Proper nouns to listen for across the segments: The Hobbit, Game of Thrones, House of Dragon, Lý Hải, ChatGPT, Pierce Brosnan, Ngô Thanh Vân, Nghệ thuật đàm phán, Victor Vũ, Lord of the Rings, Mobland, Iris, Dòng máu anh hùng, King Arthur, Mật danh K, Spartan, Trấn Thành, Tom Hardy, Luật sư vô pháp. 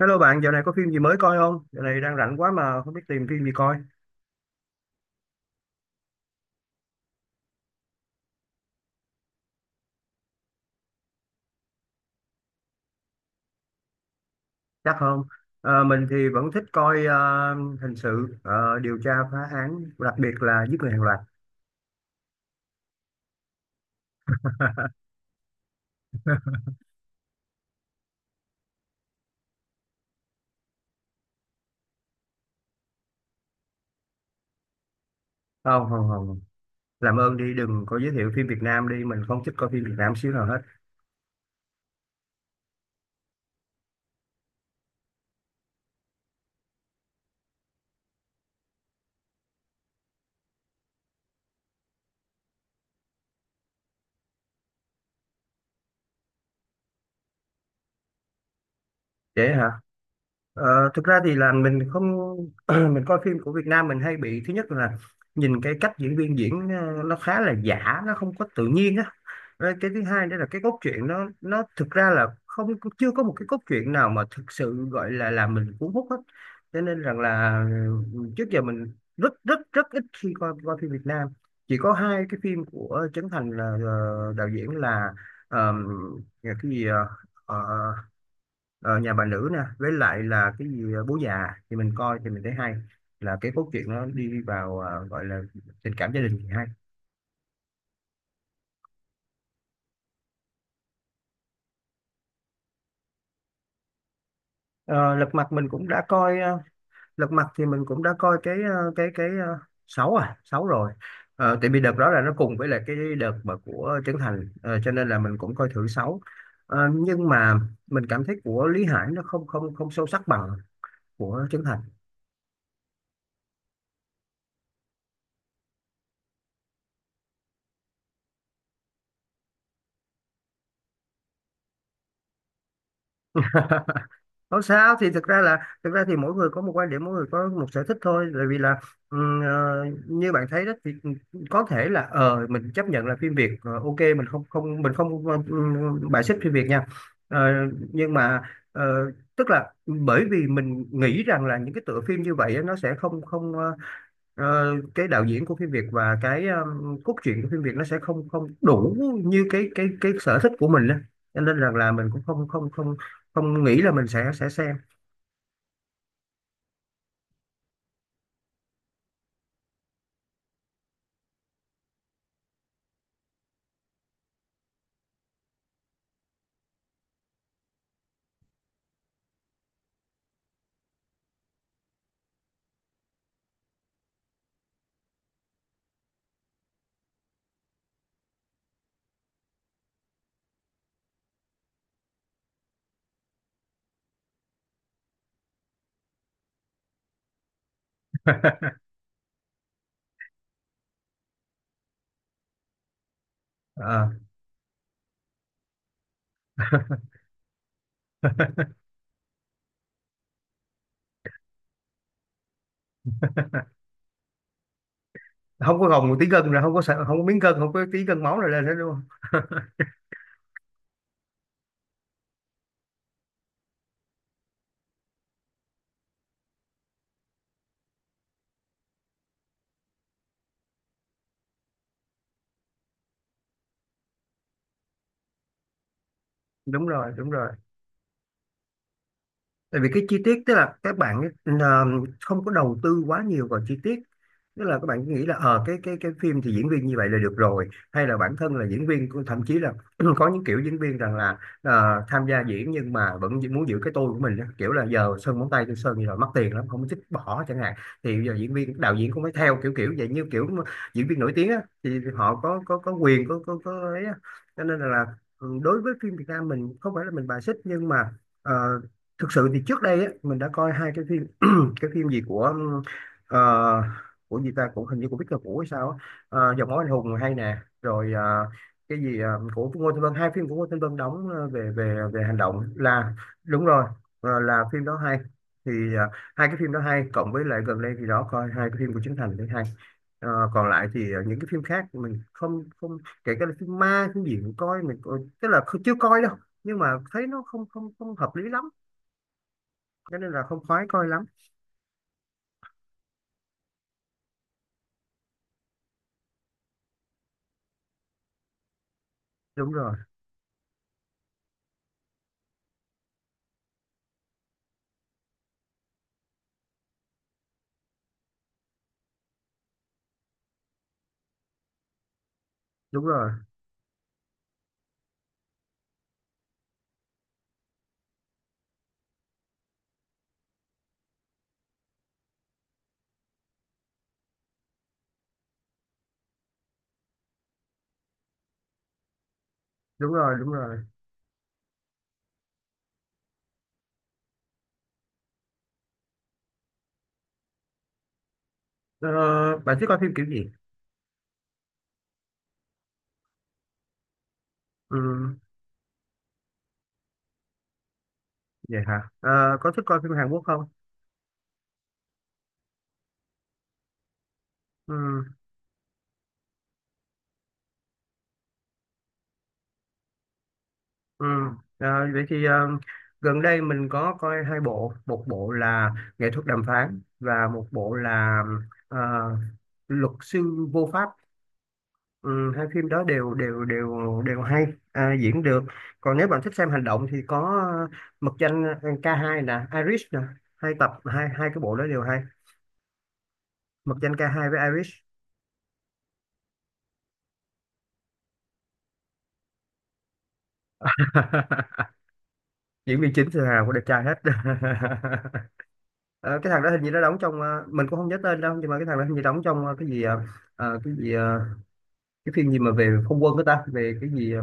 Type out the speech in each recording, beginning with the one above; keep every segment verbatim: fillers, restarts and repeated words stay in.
Hello bạn, dạo này có phim gì mới coi không? Dạo này đang rảnh quá mà không biết tìm phim gì coi. Chắc không? Ờ, mình thì vẫn thích coi ờ, hình sự, ờ, điều tra phá án, đặc biệt là giết người hàng loạt. Không, không, không. Làm ơn đi, đừng có giới thiệu phim Việt Nam đi. Mình không thích coi phim Việt Nam xíu nào hết. Dễ hả? Ờ, Thực ra thì là mình không. Mình coi phim của Việt Nam mình hay bị. Thứ nhất là nhìn cái cách diễn viên diễn, ờ, nó khá là giả, nó không có tự nhiên á. Rồi cái thứ hai nữa là cái cốt truyện nó nó thực ra là không, chưa có một cái cốt truyện nào mà thực sự gọi là làm mình cuốn hút hết. Cho nên rằng là, ừ, trước giờ mình rất rất rất ít khi coi coi phim Việt Nam. Chỉ có hai cái phim của Trấn Thành là, ờ, đạo diễn là, ờm, cái gì, ờ, ờ, ờ, Nhà Bà Nữ nè, với lại là cái gì, ờ, Bố Già thì mình coi thì mình thấy hay. Là cái cốt truyện nó đi vào, ờ, gọi là tình cảm gia đình thì hay. Ờ, Lật Mặt mình cũng đã coi, ờ, lật mặt thì mình cũng đã coi cái, ờ, cái cái ờ, sáu, à, sáu rồi. Ờ, tại vì đợt đó là nó cùng với lại cái đợt mà của Trấn Thành. Ờ, cho nên là mình cũng coi thử sáu. Ờ, nhưng mà mình cảm thấy của Lý Hải nó không không không sâu sắc bằng của Trấn Thành. Không sao thì thực ra là thực ra thì mỗi người có một quan điểm, mỗi người có một sở thích thôi, bởi vì là, ừm, ờ, như bạn thấy đó thì có thể là, ờ mình chấp nhận là phim Việt, ờ, ok, mình không không mình không ừm, bài xích phim Việt nha. Ờ, nhưng mà, ờ, tức là bởi vì mình nghĩ rằng là những cái tựa phim như vậy á, nó sẽ không không ờ, ờ, cái đạo diễn của phim Việt và cái um, cốt truyện của phim Việt nó sẽ không không đủ như cái cái cái sở thích của mình á, cho nên rằng là mình cũng không không không không nghĩ là mình sẽ sẽ xem. Ờ. Không có gồng một tí gân rồi, không có sợ, không có miếng gân, không có tí gân máu rồi lên hết luôn. Đúng rồi, đúng rồi. Tại vì cái chi tiết, tức là các bạn, ờ, không có đầu tư quá nhiều vào chi tiết, tức là các bạn nghĩ là, ờ cái cái cái phim thì diễn viên như vậy là được rồi, hay là bản thân là diễn viên cũng- thậm chí là. Có những kiểu diễn viên rằng là, ờ, tham gia diễn nhưng mà vẫn gi- muốn giữ cái tôi của mình á. Kiểu là giờ sơn móng tay tôi sơn như rồi mất tiền lắm không thích bỏ chẳng hạn, thì giờ diễn viên đạo diễn cũng phải theo kiểu kiểu vậy, như kiểu mà diễn viên nổi tiếng á thì họ có có có quyền, có có có ấy á. Cho nên là, là, ừ, đối với phim Việt Nam mình không phải là mình bài xích nhưng mà, ờ, thực sự thì trước đây á, mình đã coi hai cái phim. Cái phim gì của, ờ, của gì ta, cũng hình như của Victor Vũ hay sao á. Ờ, Dòng Máu Anh Hùng hay nè. Rồi, ờ, cái gì, ờ, của Ngô Thanh Vân, hai phim của Ngô Thanh Vân đóng, ờ, về về về hành động là đúng rồi, ờ, là phim đó hay. Thì, ờ, hai cái phim đó hay, cộng với lại gần đây thì đó, coi hai cái phim của Trấn Thành thấy hay. Ờ, còn lại thì, ờ, những cái phim khác mình không không, kể cả là phim ma phim gì, mình coi mình coi, tức là chưa coi đâu. Nhưng mà thấy nó không không không hợp lý lắm. Thế nên là không khoái coi lắm. Đúng rồi, đúng rồi, đúng rồi, đúng rồi. ờ, Bạn thích coi phim kiểu gì? Ừ, vậy hả? Ờ, có thích coi phim Hàn Quốc không? Ừ, ừ. Ờ, Vậy thì, ờ, gần đây mình có coi hai bộ. Một bộ là Nghệ Thuật Đàm Phán và một bộ là, ờ, Luật Sư Vô Pháp. Ừ, hai phim đó đều đều đều đều hay. À, diễn được. Còn nếu bạn thích xem hành động thì có, ờ, Mật Danh, ờ, k hai nè, Iris nè. Hai tập, hai hai cái bộ đó đều hay. Mộc Danh Ca Hai với Irish. Diễn viên chính thì thằng nào cũng đẹp trai hết. Ờ, cái thằng đó hình như nó đóng trong, ờ, mình cũng không nhớ tên đâu, nhưng mà cái thằng đó hình như đóng trong, ờ, cái gì, ờ, ờ, cái gì, ờ, cái phim gì mà về không quân của ta, về cái gì,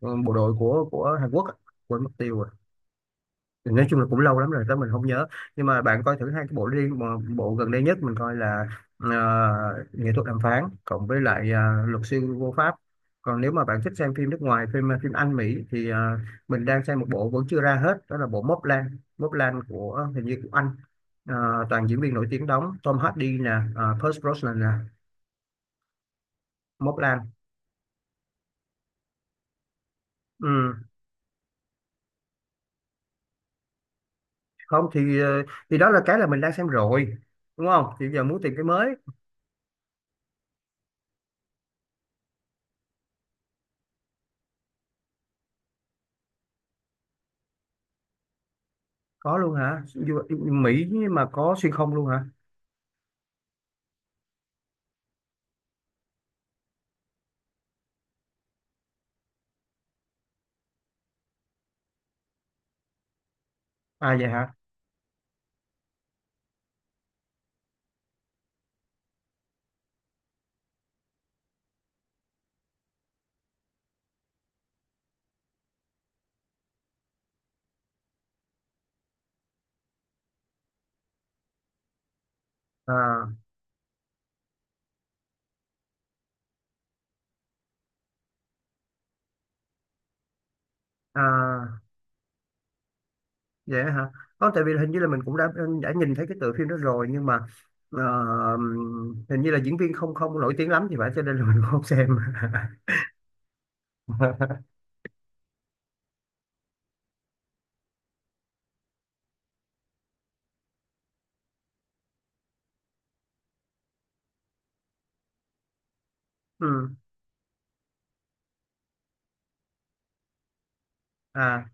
ờ, bộ đội của của Hàn Quốc á. Quên mất tiêu. Nói chung là cũng lâu lắm rồi tới mình không nhớ. Nhưng mà bạn coi thử hai cái bộ đi mà. Bộ gần đây nhất mình coi là, ờ, Nghệ Thuật Đàm Phán cộng với lại, ờ, Luật Sư Vô Pháp. Còn nếu mà bạn thích xem phim nước ngoài, phim, ờ, phim Anh Mỹ thì, ờ, mình đang xem một bộ vẫn chưa ra hết, đó là bộ Mobland Lan Móc Lan của, hình như của Anh. Ờ, toàn diễn viên nổi tiếng đóng. Tom Hardy nè, ờ, Pierce Brosnan nè. Móc Lan. Ừ. Không thì, ờ, thì đó là cái là mình đang xem rồi, đúng không? Thì giờ muốn tìm cái mới. Có luôn hả? Du- Mỹ mà có xuyên không luôn hả? À vậy hả? À. À vậy hả? Không, tại vì hình như là mình cũng đã đã nhìn thấy cái tựa phim đó rồi nhưng mà, ờ, hình như là diễn viên không không nổi tiếng lắm thì phải, cho nên là mình cũng không xem. Ừ. À,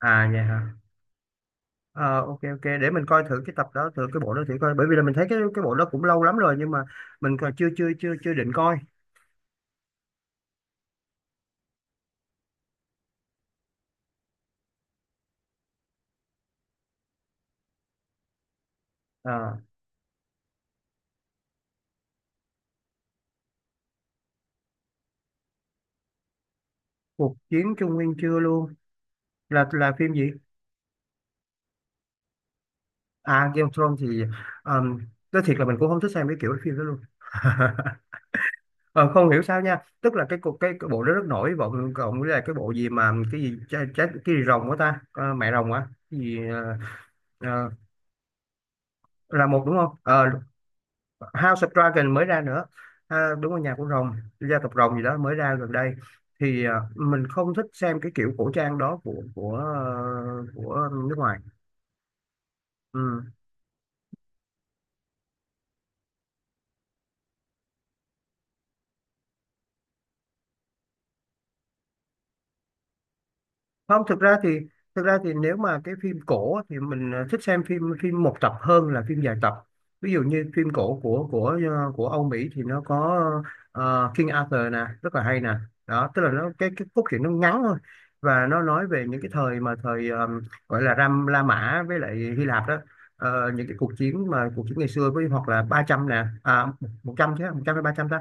à vậy hả? Ờ, ok ok, để mình coi thử cái tập đó, thử cái bộ đó thử coi, bởi vì là mình thấy cái cái bộ đó cũng lâu lắm rồi nhưng mà mình còn chưa chưa chưa chưa định coi. À, Cuộc Chiến Trung Nguyên chưa luôn, là là phim gì? À, Game of Thrones thì, um, nói thiệt là mình cũng không thích xem cái kiểu phim đó luôn. Ờ, Không hiểu sao nha, tức là cái cuộc cái, cái bộ đó rất nổi bộ, cộng với lại cái bộ gì mà cái gì trái, trái, cái gì rồng của ta. Ờ, Mẹ rồng á. Cái gì, ờ, ờ, là một, đúng không? Ờ, House of Dragon mới ra nữa. À, đúng rồi, nhà của rồng, gia tộc rồng gì đó mới ra gần đây. Thì, ờ, mình không thích xem cái kiểu cổ trang đó của của, ờ, của nước ngoài. Ừ. Không, thực ra thì thực ra thì nếu mà cái phim cổ á, thì mình, ờ, thích xem phim phim một tập hơn là phim dài tập. Ví dụ như phim cổ của của, ờ, của Âu Mỹ thì nó có, ờ, King Arthur nè, rất là hay nè. Đó tức là nó cái cái cốt truyện nó ngắn thôi, và nó nói về những cái thời mà thời, ờ, gọi là Ram La Mã với lại Hy Lạp đó. Ờ, những cái cuộc chiến mà cuộc chiến ngày xưa với, hoặc là ba trăm nè, à, một trăm chứ, một trăm hay ba trăm ta?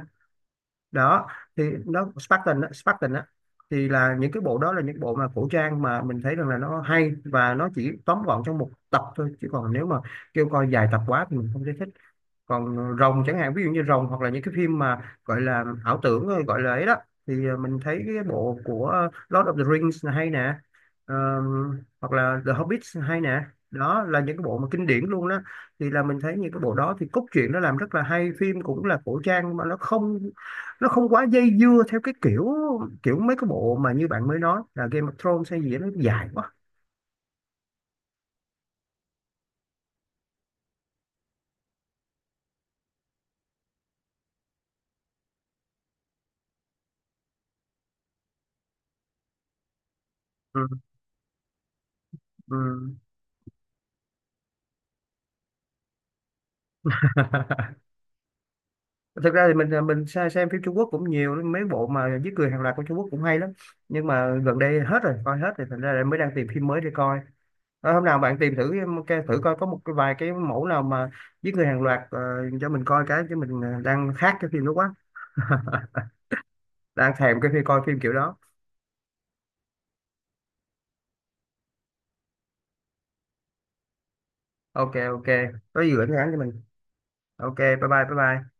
Đó thì nó Spartan á, Spartan á. Thì là những cái bộ đó là những bộ mà cổ trang mà mình thấy rằng là nó hay, và nó chỉ tóm gọn trong một tập thôi, chứ còn nếu mà kêu coi dài tập quá thì mình không thấy thích. Còn rồng chẳng hạn, ví dụ như rồng hoặc là những cái phim mà gọi là ảo tưởng thôi, gọi là ấy đó, thì, ờ, mình thấy cái bộ của Lord of the Rings là hay nè. Ờm, hoặc là The Hobbit hay nè. Đó là những cái bộ mà kinh điển luôn đó. Thì là mình thấy những cái bộ đó thì cốt truyện nó làm rất là hay, phim cũng là cổ trang mà nó không nó không quá dây dưa theo cái kiểu kiểu mấy cái bộ mà như bạn mới nói là Game of Thrones hay gì đó, nó dài quá. Ừ, ừ. Thực ra thì mình, à, mình se- xem phim Trung Quốc cũng nhiều, mấy bộ mà giết người hàng loạt của Trung Quốc cũng hay lắm. Nhưng mà gần đây hết rồi, coi hết thì thành ra là mới đang tìm phim mới để coi. Ờ, hôm nào bạn tìm thử cái- thử coi có một cái, vài cái mẫu nào mà giết người hàng loạt, ờ, cho mình coi cái, chứ mình, ờ, đang khát cái phim đó quá. Đang thèm cái phim, coi phim kiểu đó. Ok ok, có gì gửi nhắn cho mình. Ok, bye bye, bye bye.